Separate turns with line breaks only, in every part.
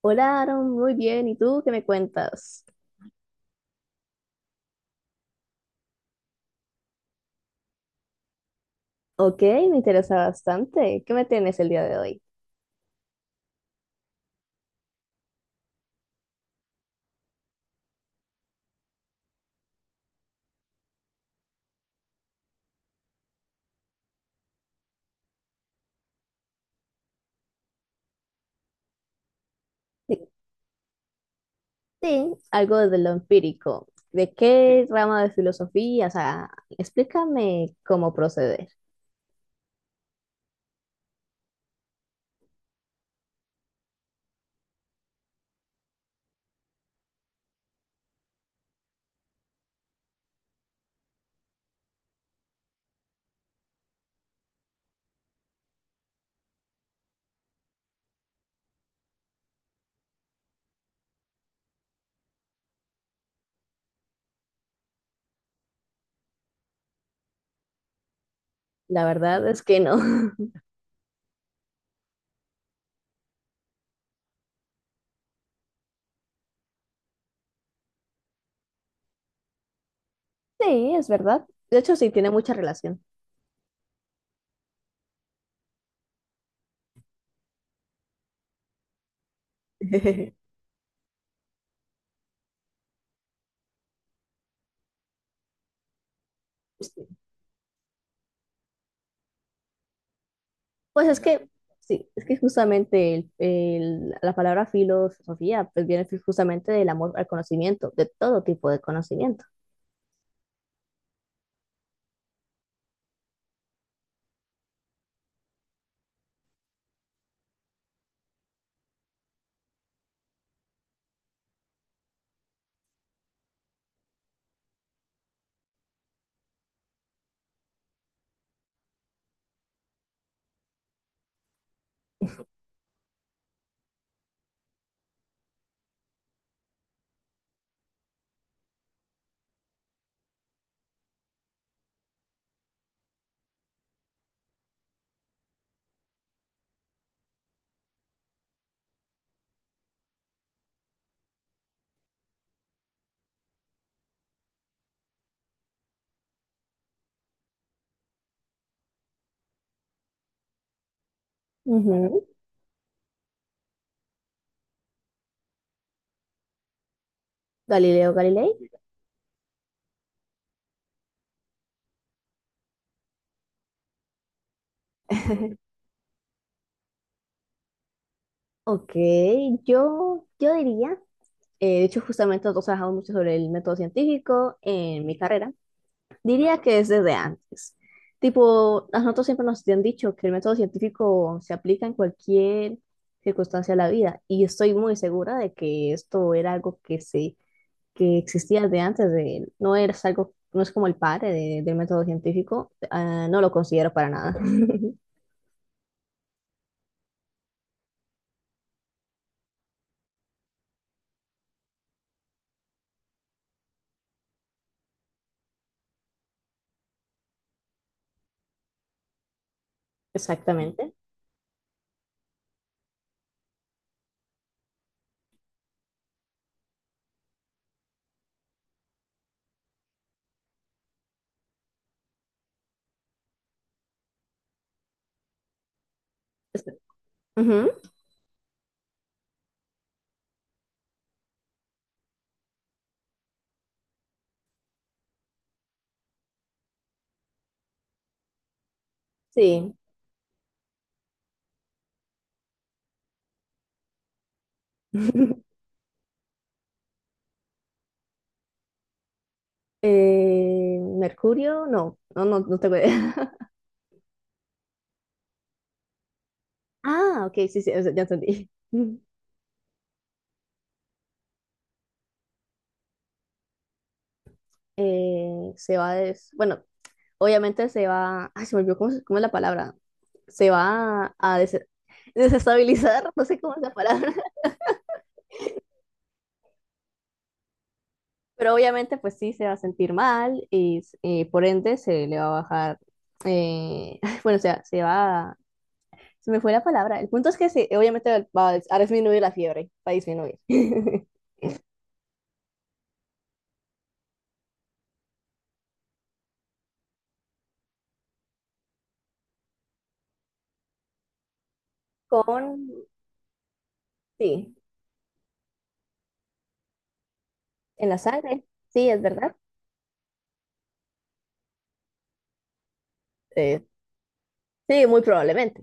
Hola, Aaron, muy bien. ¿Y tú qué me cuentas? Ok, me interesa bastante. ¿Qué me tienes el día de hoy? De- Sí, algo de lo empírico. ¿De qué rama de filosofía? O sea, explícame cómo proceder. La verdad es que no. Sí, es verdad. De hecho, sí, tiene mucha relación. Sí. Pues es que, sí, es que justamente la palabra filosofía pues viene justamente del amor al conocimiento, de todo tipo de conocimiento. Ujú. Galileo Galilei. Ok, yo diría, de hecho justamente nosotros trabajamos mucho sobre el método científico en mi carrera. Diría que es desde antes. Tipo, a nosotros siempre nos han dicho que el método científico se aplica en cualquier circunstancia de la vida y estoy muy segura de que esto era algo que existía desde antes de él. No es algo, no es como el padre del método científico, ah, no lo considero para nada. Exactamente. Es- Ujú. Sí. Mercurio, no, no, no, no tengo idea. Ah, ok, sí, sí, ya entendí. Se va bueno, obviamente se va, ay, se me olvidó cómo, cómo es la palabra, se va a desestabilizar, no sé cómo es la palabra, pero obviamente pues sí se va a sentir mal y por ende se le va a bajar, eh, bueno, o sea, se va, se me fue la palabra, el punto es que se, obviamente va a, a disminuir la fiebre, va a disminuir. Con, sí, en la sangre, sí, es verdad. Eh, sí, muy probablemente.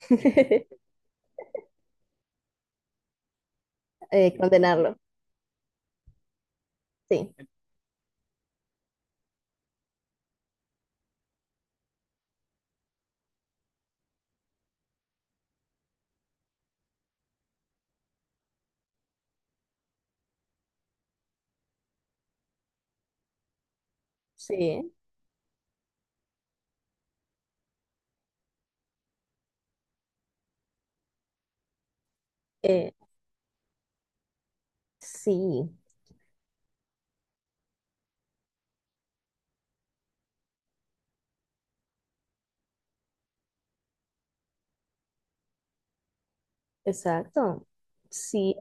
Condenarlo, sí. Sí, eh, sí, exacto. Sí,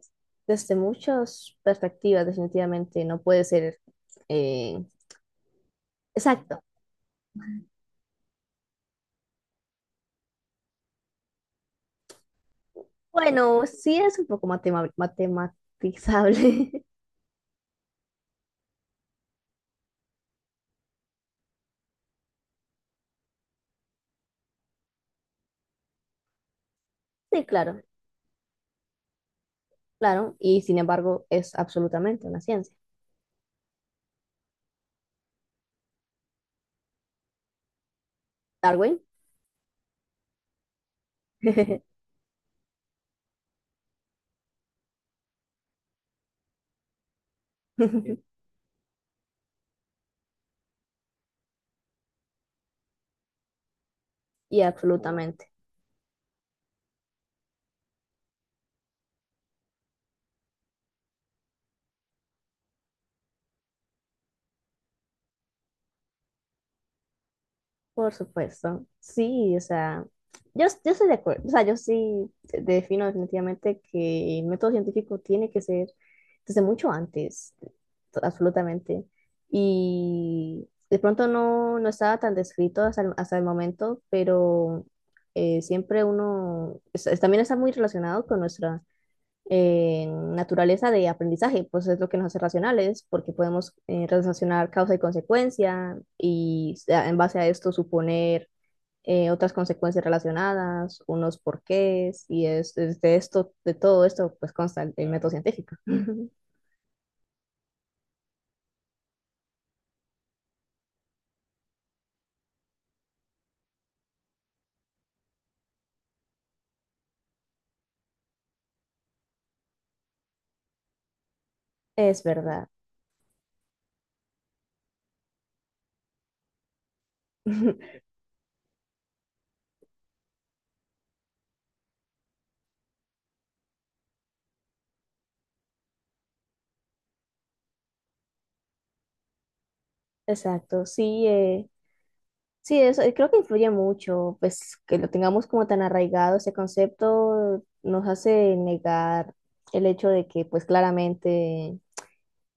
desde muchas perspectivas, definitivamente no puede ser eh, exacto. Bueno, sí es un poco matematizable. Sí, claro, claro. Y sin embargo, es absolutamente una ciencia. Darwin. Y absolutamente. Por supuesto, sí, o sea, yo estoy de acuerdo, o sea, yo sí defino definitivamente que el método científico tiene que ser desde mucho antes, absolutamente, y de pronto no, no estaba tan descrito hasta hasta el momento, pero siempre uno también está muy relacionado con nuestra naturaleza de aprendizaje, pues es lo que nos hace racionales, porque podemos relacionar causa y consecuencia y en base a esto suponer otras consecuencias relacionadas, unos porqués, y es de esto, de todo esto, pues consta el método científico. Es verdad. Exacto, sí, sí, eso. Creo que influye mucho, pues que lo tengamos como tan arraigado ese concepto nos hace negar el hecho de que pues claramente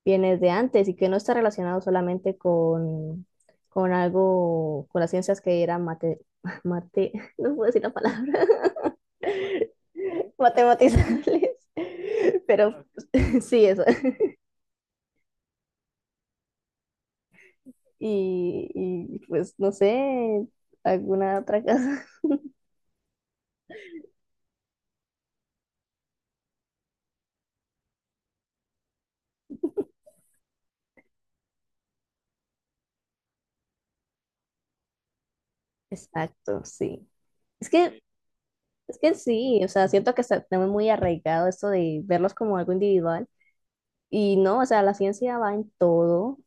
viene de antes y que no está relacionado solamente con algo, con las ciencias que eran mate, no puedo decir la palabra, matematizables, pero sí, eso. Y pues no sé, alguna otra cosa. Exacto, sí. Es que, es que sí, o sea, siento que tenemos muy arraigado esto de verlos como algo individual. Y no, o sea, la ciencia va en todo,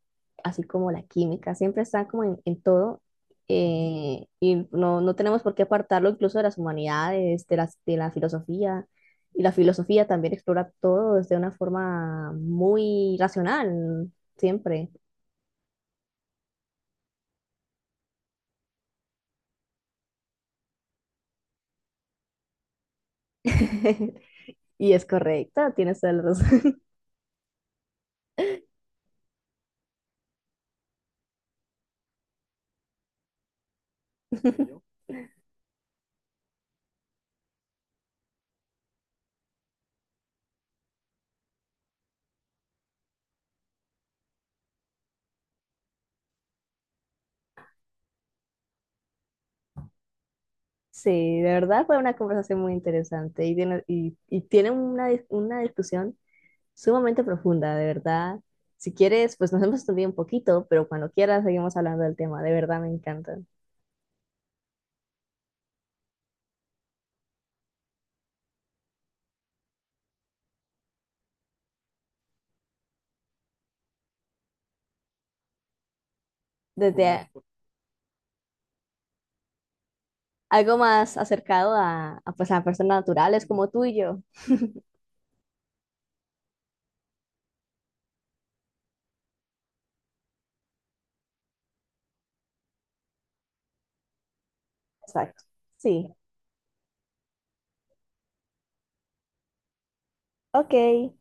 así como la química, siempre está como en todo. Y no, no tenemos por qué apartarlo incluso de las humanidades, de la filosofía. Y la filosofía también explora todo desde una forma muy racional, siempre. Y es correcto, tienes toda la razón. Sí, de verdad fue una conversación muy interesante y tiene una, una discusión sumamente profunda, de verdad. Si quieres, pues nos hemos estudiado un poquito, pero cuando quieras seguimos hablando del tema, de verdad me encanta. Desde bueno, algo más acercado pues, a personas naturales como tú y yo. Exacto. Sí, ok.